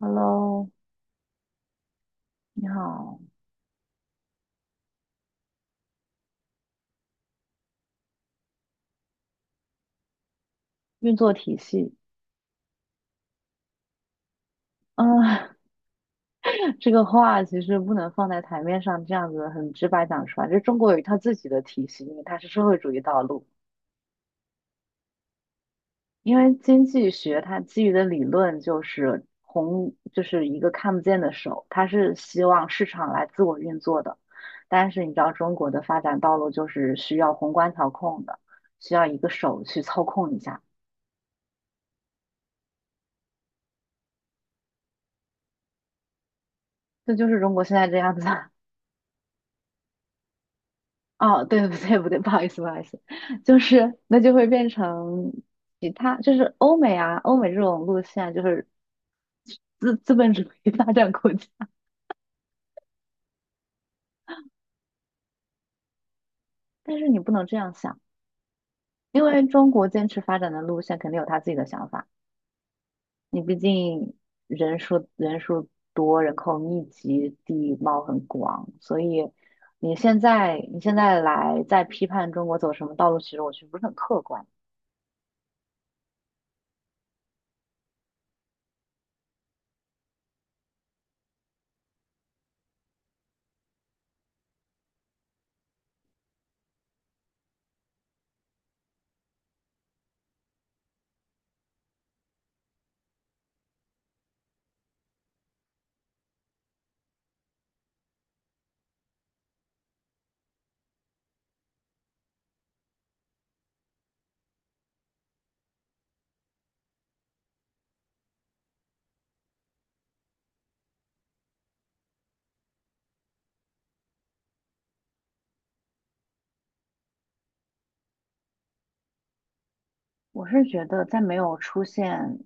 Hello，你好。运作体系，啊、这个话其实不能放在台面上这样子很直白讲出来。就中国有一套自己的体系，因为它是社会主义道路。因为经济学它基于的理论就是红，就是一个看不见的手，它是希望市场来自我运作的。但是你知道中国的发展道路就是需要宏观调控的，需要一个手去操控一下。这就是中国现在这样子。哦，对不对？不对，不好意思，不好意思，就是那就会变成其他，就是欧美啊，欧美这种路线啊就是资本主义发展国家，但是你不能这样想，因为中国坚持发展的路线肯定有他自己的想法，你毕竟人数多，人口密集，地貌很广，所以你现在来在批判中国走什么道路，其实我觉得不是很客观。我是觉得，在没有出现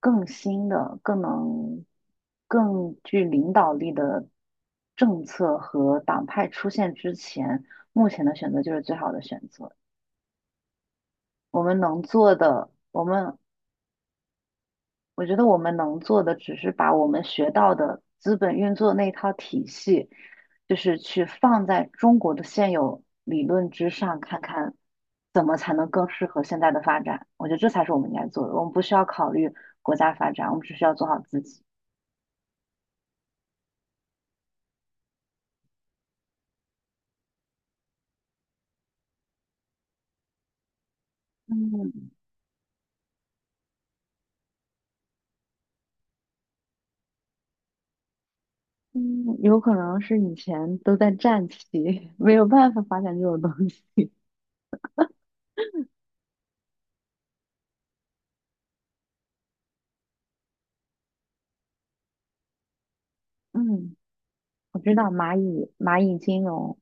更新的、更能、更具领导力的政策和党派出现之前，目前的选择就是最好的选择。我们能做的，我觉得我们能做的，只是把我们学到的资本运作那一套体系，就是去放在中国的现有理论之上，看看怎么才能更适合现在的发展。我觉得这才是我们应该做的。我们不需要考虑国家发展，我们只需要做好自己。嗯，嗯，有可能是以前都在战旗，没有办法发展这种东西。嗯，我知道蚂蚁金融，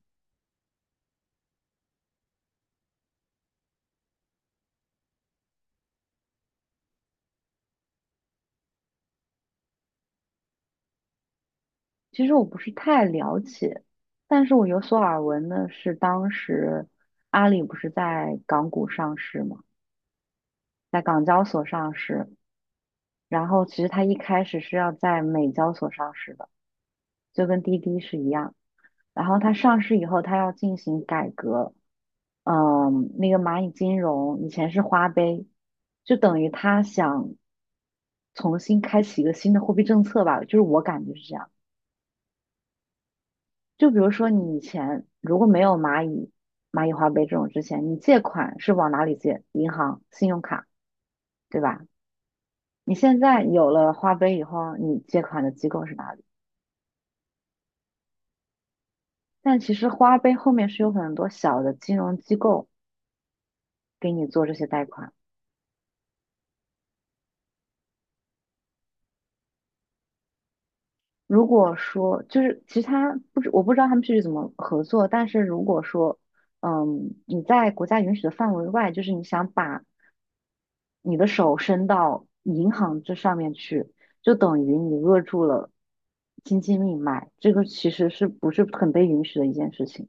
其实我不是太了解，但是我有所耳闻的是，当时阿里不是在港股上市嘛，在港交所上市，然后其实它一开始是要在美交所上市的，就跟滴滴是一样。然后它上市以后，它要进行改革，嗯，那个蚂蚁金融以前是花呗，就等于他想重新开启一个新的货币政策吧，就是我感觉是这样。就比如说你以前如果没有蚂蚁花呗这种之前，你借款是往哪里借？银行、信用卡，对吧？你现在有了花呗以后，你借款的机构是哪里？但其实花呗后面是有很多小的金融机构给你做这些贷款。如果说就是其实他不知我不知道他们具体怎么合作，但是如果说，嗯，你在国家允许的范围外，就是你想把你的手伸到银行这上面去，就等于你扼住了经济命脉，这个其实是不是很被允许的一件事情？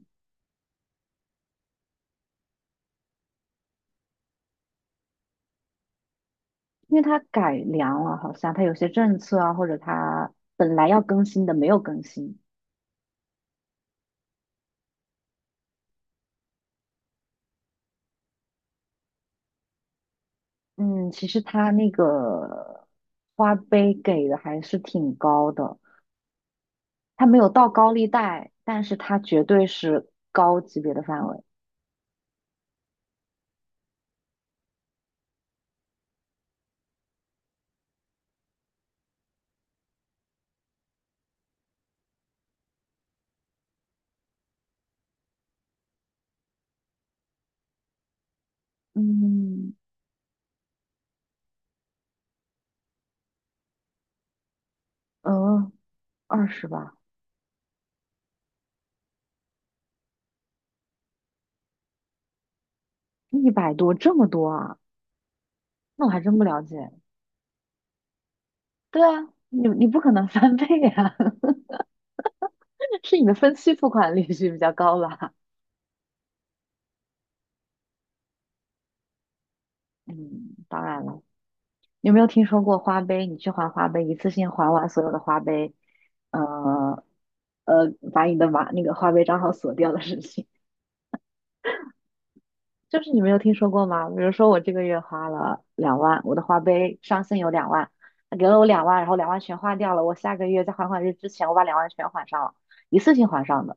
因为它改良了，好像它有些政策啊，或者它本来要更新的没有更新。嗯，其实它那个花呗给的还是挺高的。它没有到高利贷，但是它绝对是高级别的范围。嗯，呃，20吧，100多，这么多啊？那我还真不了解。对啊，你你不可能翻倍啊，是你的分期付款利息比较高吧？嗯，当然了，你有没有听说过花呗？你去还花呗，一次性还完所有的花呗，呃把你的把那个花呗账号锁掉的事情。就是你没有听说过吗？比如说我这个月花了两万，我的花呗上限有两万，他给了我两万，然后两万全花掉了。我下个月在还款日之前，我把两万全还上了，一次性还上的，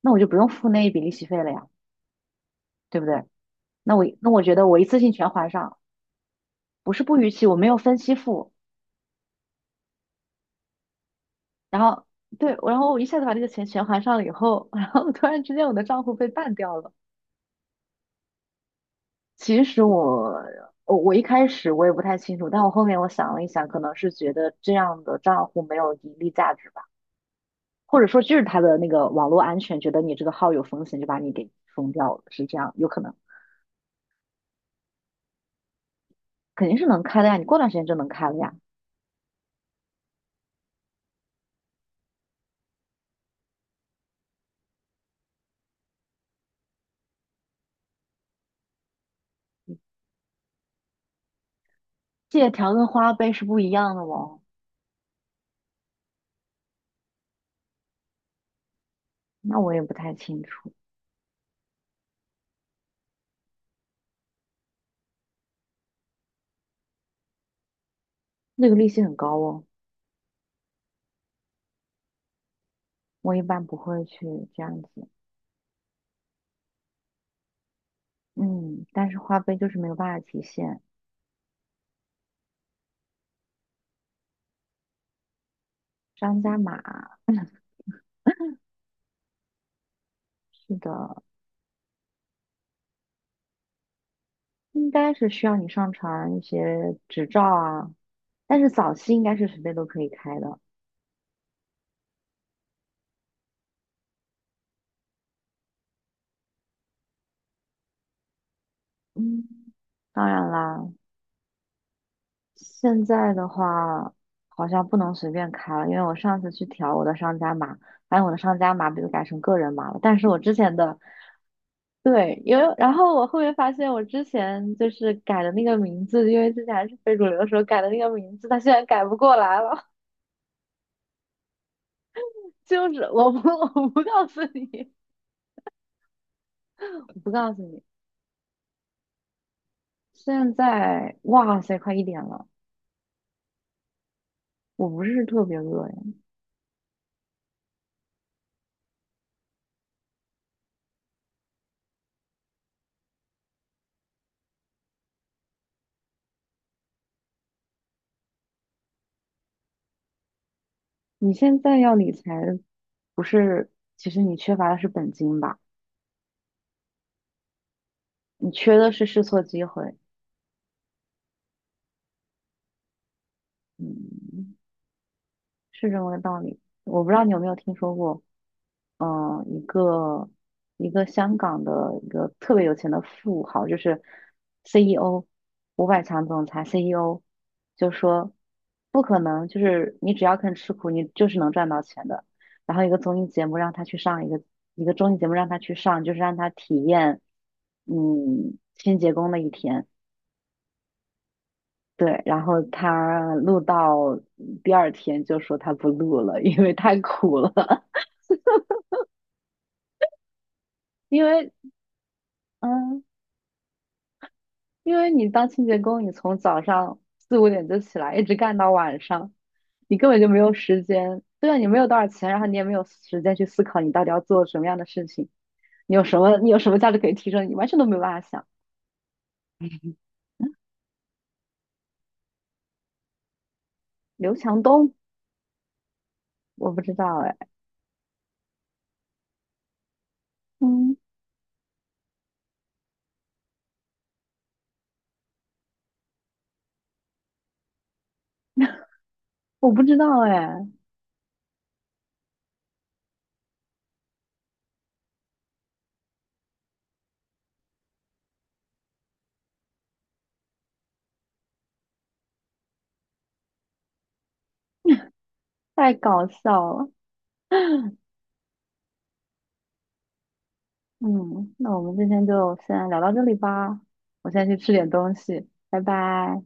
那我就不用付那一笔利息费了呀，对不对？那我那我觉得我一次性全还上，不是不逾期，我没有分期付，然后对，然后我一下子把这个钱全还上了以后，然后突然之间我的账户被办掉了，其实我一开始我也不太清楚，但我后面我想了一想，可能是觉得这样的账户没有盈利价值吧，或者说就是他的那个网络安全，觉得你这个号有风险，就把你给封掉了，是这样，有可能，肯定是能开的呀，你过段时间就能开了呀。借条跟花呗是不一样的哦，那我也不太清楚，那个利息很高哦，我一般不会去这样子，嗯，但是花呗就是没有办法提现，商家码，是的，应该是需要你上传一些执照啊，但是早期应该是随便都可以开的。嗯，当然啦，现在的话好像不能随便开了，因为我上次去调我的商家码，发现我的商家码被改成个人码了。但是我之前的，对，因为然后我后面发现我之前就是改的那个名字，因为之前还是非主流的时候改的那个名字，它现在改不过来了。就是我不告诉你，不告诉你。现在，哇塞，快1点了，我不是特别饿呀。你现在要理财，不是，其实你缺乏的是本金吧？你缺的是试错机会，嗯，是这么个道理。我不知道你有没有听说过，嗯，一个香港的一个特别有钱的富豪，就是 CEO，500强总裁 CEO，就说不可能，就是你只要肯吃苦，你就是能赚到钱的。然后一个综艺节目让他去上，一个综艺节目让他去上，就是让他体验，嗯，清洁工的一天。对，然后他录到第二天就说他不录了，因为太苦了。因为嗯，因为你当清洁工，你从早上四五点就起来，一直干到晚上，你根本就没有时间。对啊，你没有多少钱，然后你也没有时间去思考你到底要做什么样的事情，你有什么价值可以提升，你完全都没有办法想。刘强东，我不知道哎，嗯，我不知道哎，太搞笑了。嗯，那我们今天就先聊到这里吧，我先去吃点东西，拜拜。